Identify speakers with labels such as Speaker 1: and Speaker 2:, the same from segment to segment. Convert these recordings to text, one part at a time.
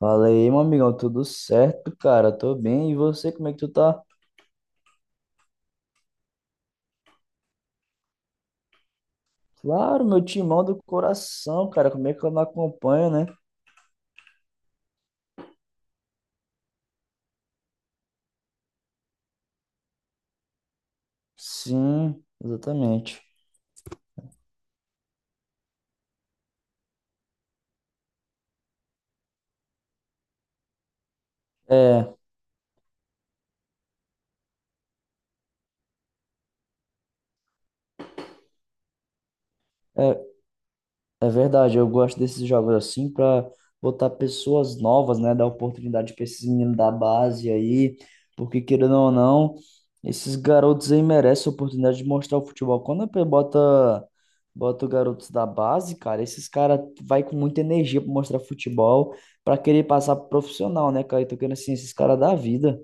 Speaker 1: Fala aí, meu amigão, tudo certo, cara? Tô bem. E você, como é que tu tá? Claro, meu timão do coração, cara. Como é que eu não acompanho, né? Sim, exatamente. É, é. É verdade, eu gosto desses jogos assim para botar pessoas novas, né? Dar oportunidade para esses meninos da base aí, porque querendo ou não, esses garotos aí merecem a oportunidade de mostrar o futebol. Quando a P bota os garotos da base, cara, esses caras vai com muita energia para mostrar futebol, para querer passar pro profissional, né, cara? Então, querendo assim, esses caras da vida.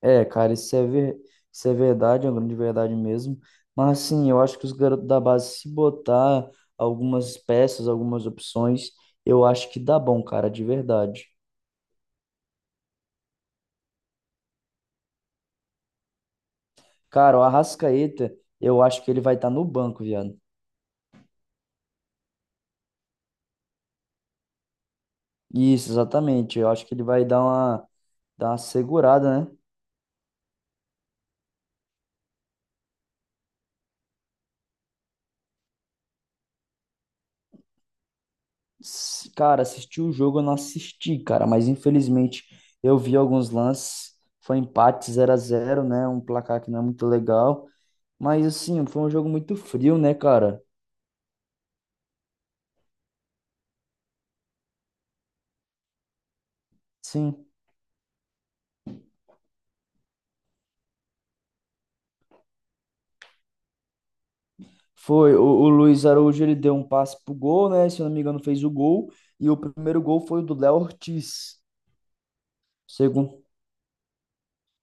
Speaker 1: É, cara, isso é verdade, é uma grande verdade mesmo. Mas, assim, eu acho que os garotos da base, se botar algumas peças, algumas opções, eu acho que dá bom, cara, de verdade. Cara, o Arrascaeta, eu acho que ele vai estar no banco, viado. Isso, exatamente. Eu acho que ele vai dar uma segurada, né? Cara, assistir o jogo eu não assisti, cara, mas infelizmente eu vi alguns lances. Foi empate 0-0, né? Um placar que não é muito legal. Mas assim, foi um jogo muito frio, né, cara? Sim. Foi. O Luiz Araújo ele deu um passe pro gol, né? Se eu não me engano, fez o gol. E o primeiro gol foi o do Léo Ortiz. Segundo.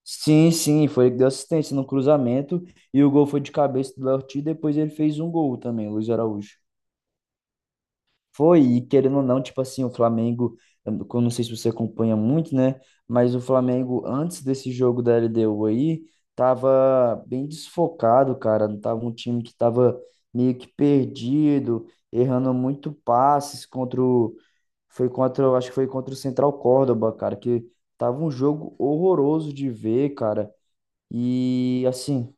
Speaker 1: Sim, sim, foi ele que deu assistência no cruzamento. E o gol foi de cabeça do Léo Ortiz. Depois ele fez um gol também, o Luiz Araújo. Foi, e querendo ou não, tipo assim, o Flamengo, eu não sei se você acompanha muito, né? Mas o Flamengo, antes desse jogo da LDU aí, tava bem desfocado, cara. Não tava um time que tava meio que perdido, errando muito passes contra o. Foi contra, eu acho que foi contra o Central Córdoba, cara, que tava um jogo horroroso de ver, cara. E assim.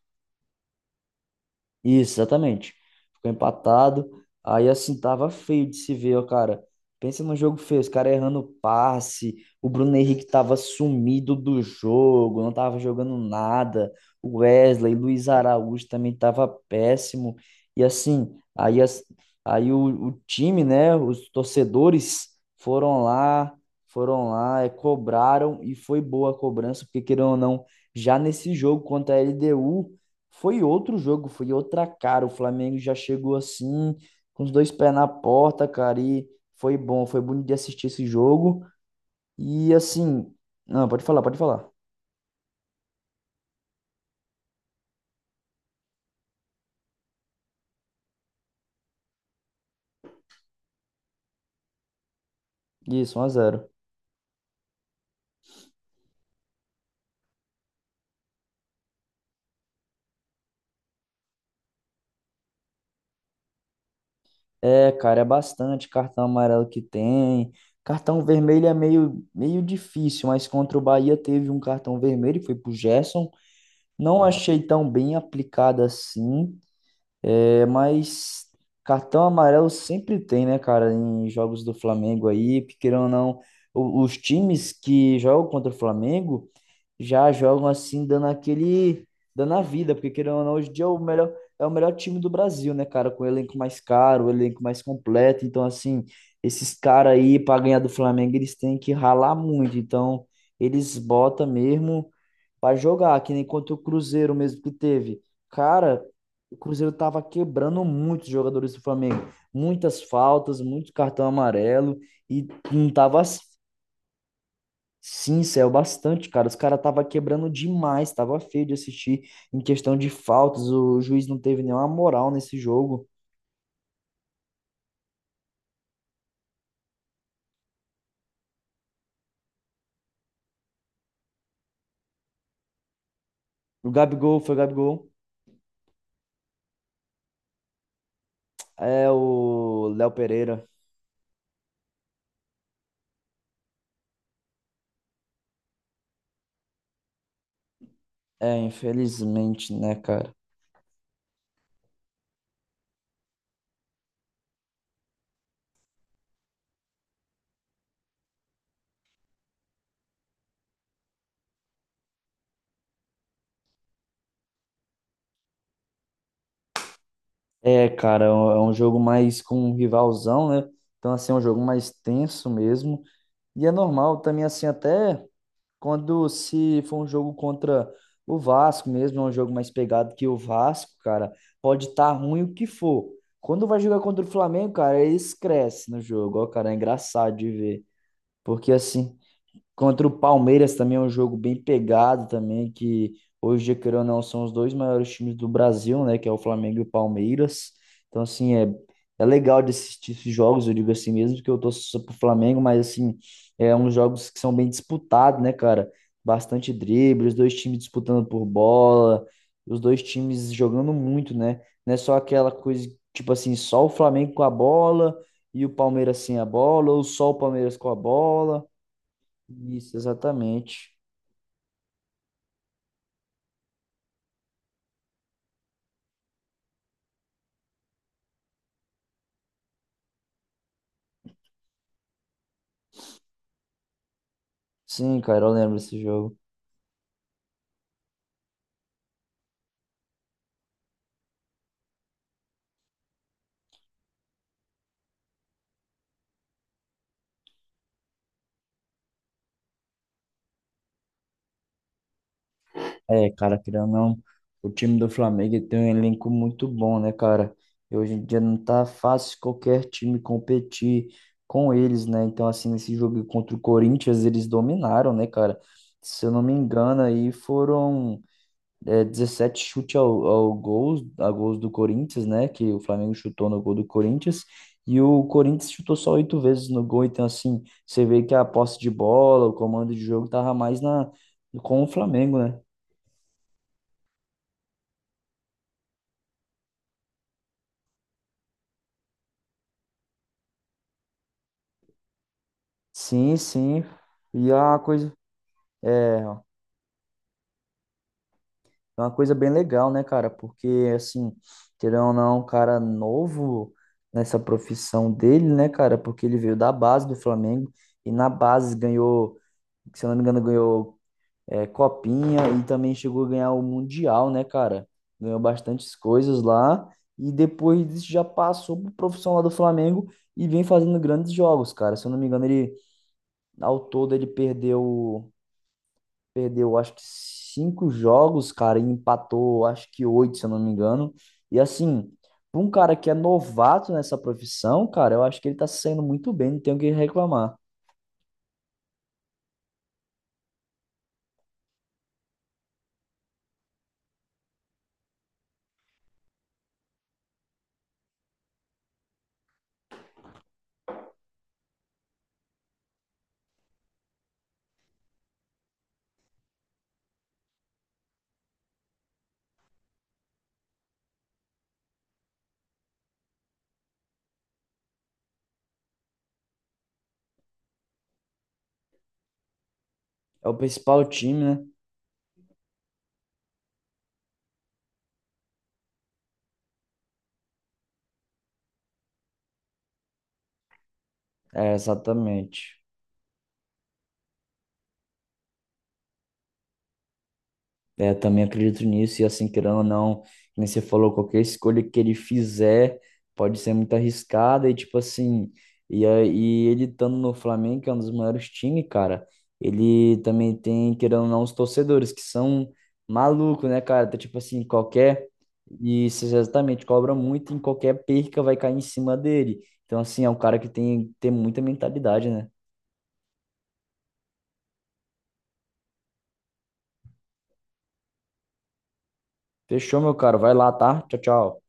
Speaker 1: Isso, exatamente. Ficou empatado. Aí assim, tava feio de se ver, ó, cara. Pensa num jogo feio, os caras errando passe. O Bruno Henrique tava sumido do jogo, não tava jogando nada. O Wesley, Luiz Araújo também tava péssimo. E assim, aí, o time, né, os torcedores foram lá, foram lá, cobraram e foi boa a cobrança, porque querendo ou não, já nesse jogo contra a LDU. Foi outro jogo, foi outra cara. O Flamengo já chegou assim, com os dois pés na porta, cara, e foi bom, foi bonito de assistir esse jogo. E assim, não, pode falar, pode falar. Isso, 1-0. É, cara, é bastante cartão amarelo que tem. Cartão vermelho é meio, meio difícil, mas contra o Bahia teve um cartão vermelho, foi pro Gerson. Não achei tão bem aplicado assim, é, mas cartão amarelo sempre tem, né, cara, em jogos do Flamengo aí, porque querendo ou não, os times que jogam contra o Flamengo já jogam assim, dando a vida, porque querendo ou não, hoje em dia é o melhor time do Brasil, né, cara, com o elenco mais caro, o elenco mais completo, então assim, esses caras aí, para ganhar do Flamengo, eles têm que ralar muito, então eles botam mesmo pra jogar, que nem contra o Cruzeiro mesmo que teve. Cara, o Cruzeiro tava quebrando muitos jogadores do Flamengo. Muitas faltas, muito cartão amarelo e não tava. Sim, saiu bastante, cara. Os caras tava quebrando demais, tava feio de assistir em questão de faltas. O juiz não teve nenhuma moral nesse jogo. O Gabigol foi o Gabigol. É o Léo Pereira. É, infelizmente, né, cara? É, cara, é um jogo mais com um rivalzão, né? Então, assim, é um jogo mais tenso mesmo. E é normal também, assim, até quando se for um jogo contra o Vasco mesmo, é um jogo mais pegado que o Vasco, cara, pode estar ruim o que for. Quando vai jogar contra o Flamengo, cara, eles crescem no jogo, ó, cara, é engraçado de ver. Porque, assim, contra o Palmeiras também é um jogo bem pegado também, que hoje, dia, querendo ou não, são os dois maiores times do Brasil, né? Que é o Flamengo e o Palmeiras. Então, assim, é legal de assistir esses jogos, eu digo assim mesmo, que eu torço só pro Flamengo, mas, assim, é uns jogos que são bem disputados, né, cara? Bastante drible, os dois times disputando por bola, os dois times jogando muito, né? Não é só aquela coisa, tipo assim, só o Flamengo com a bola e o Palmeiras sem a bola, ou só o Palmeiras com a bola. Isso, exatamente. Sim, cara, eu lembro desse jogo. É, cara, querendo ou não, o time do Flamengo tem um elenco muito bom, né, cara? E hoje em dia não tá fácil qualquer time competir com eles, né? Então, assim, nesse jogo contra o Corinthians, eles dominaram, né, cara? Se eu não me engano, aí foram, 17 chute a gols do Corinthians, né? Que o Flamengo chutou no gol do Corinthians. E o Corinthians chutou só oito vezes no gol. Então, assim, você vê que a posse de bola, o comando de jogo tava mais com o Flamengo, né? Sim, sim. E é uma coisa, é é uma coisa bem legal, né, cara? Porque, assim, querendo ou não, um cara novo nessa profissão dele, né, cara? Porque ele veio da base do Flamengo e na base ganhou, se eu não me engano, ganhou Copinha e também chegou a ganhar o Mundial, né, cara? Ganhou bastantes coisas lá e depois disso já passou pro profissional do Flamengo e vem fazendo grandes jogos, cara. Se eu não me engano, ele ao todo ele perdeu acho que cinco jogos, cara, e empatou acho que oito, se eu não me engano. E assim, para um cara que é novato nessa profissão, cara, eu acho que ele tá saindo muito bem, não tenho o que reclamar. É o principal time, né? É, exatamente. É, também acredito nisso, e assim, querendo ou não, como você falou, qualquer escolha que ele fizer pode ser muito arriscada, e tipo assim, aí ele estando no Flamengo, que é um dos maiores times, cara, ele também tem, querendo ou não, os torcedores, que são malucos, né, cara? Tá, tipo assim, qualquer, e isso exatamente, cobra muito, em qualquer perca vai cair em cima dele. Então, assim, é um cara que tem muita mentalidade, né? Fechou, meu cara vai lá, tá? Tchau, tchau.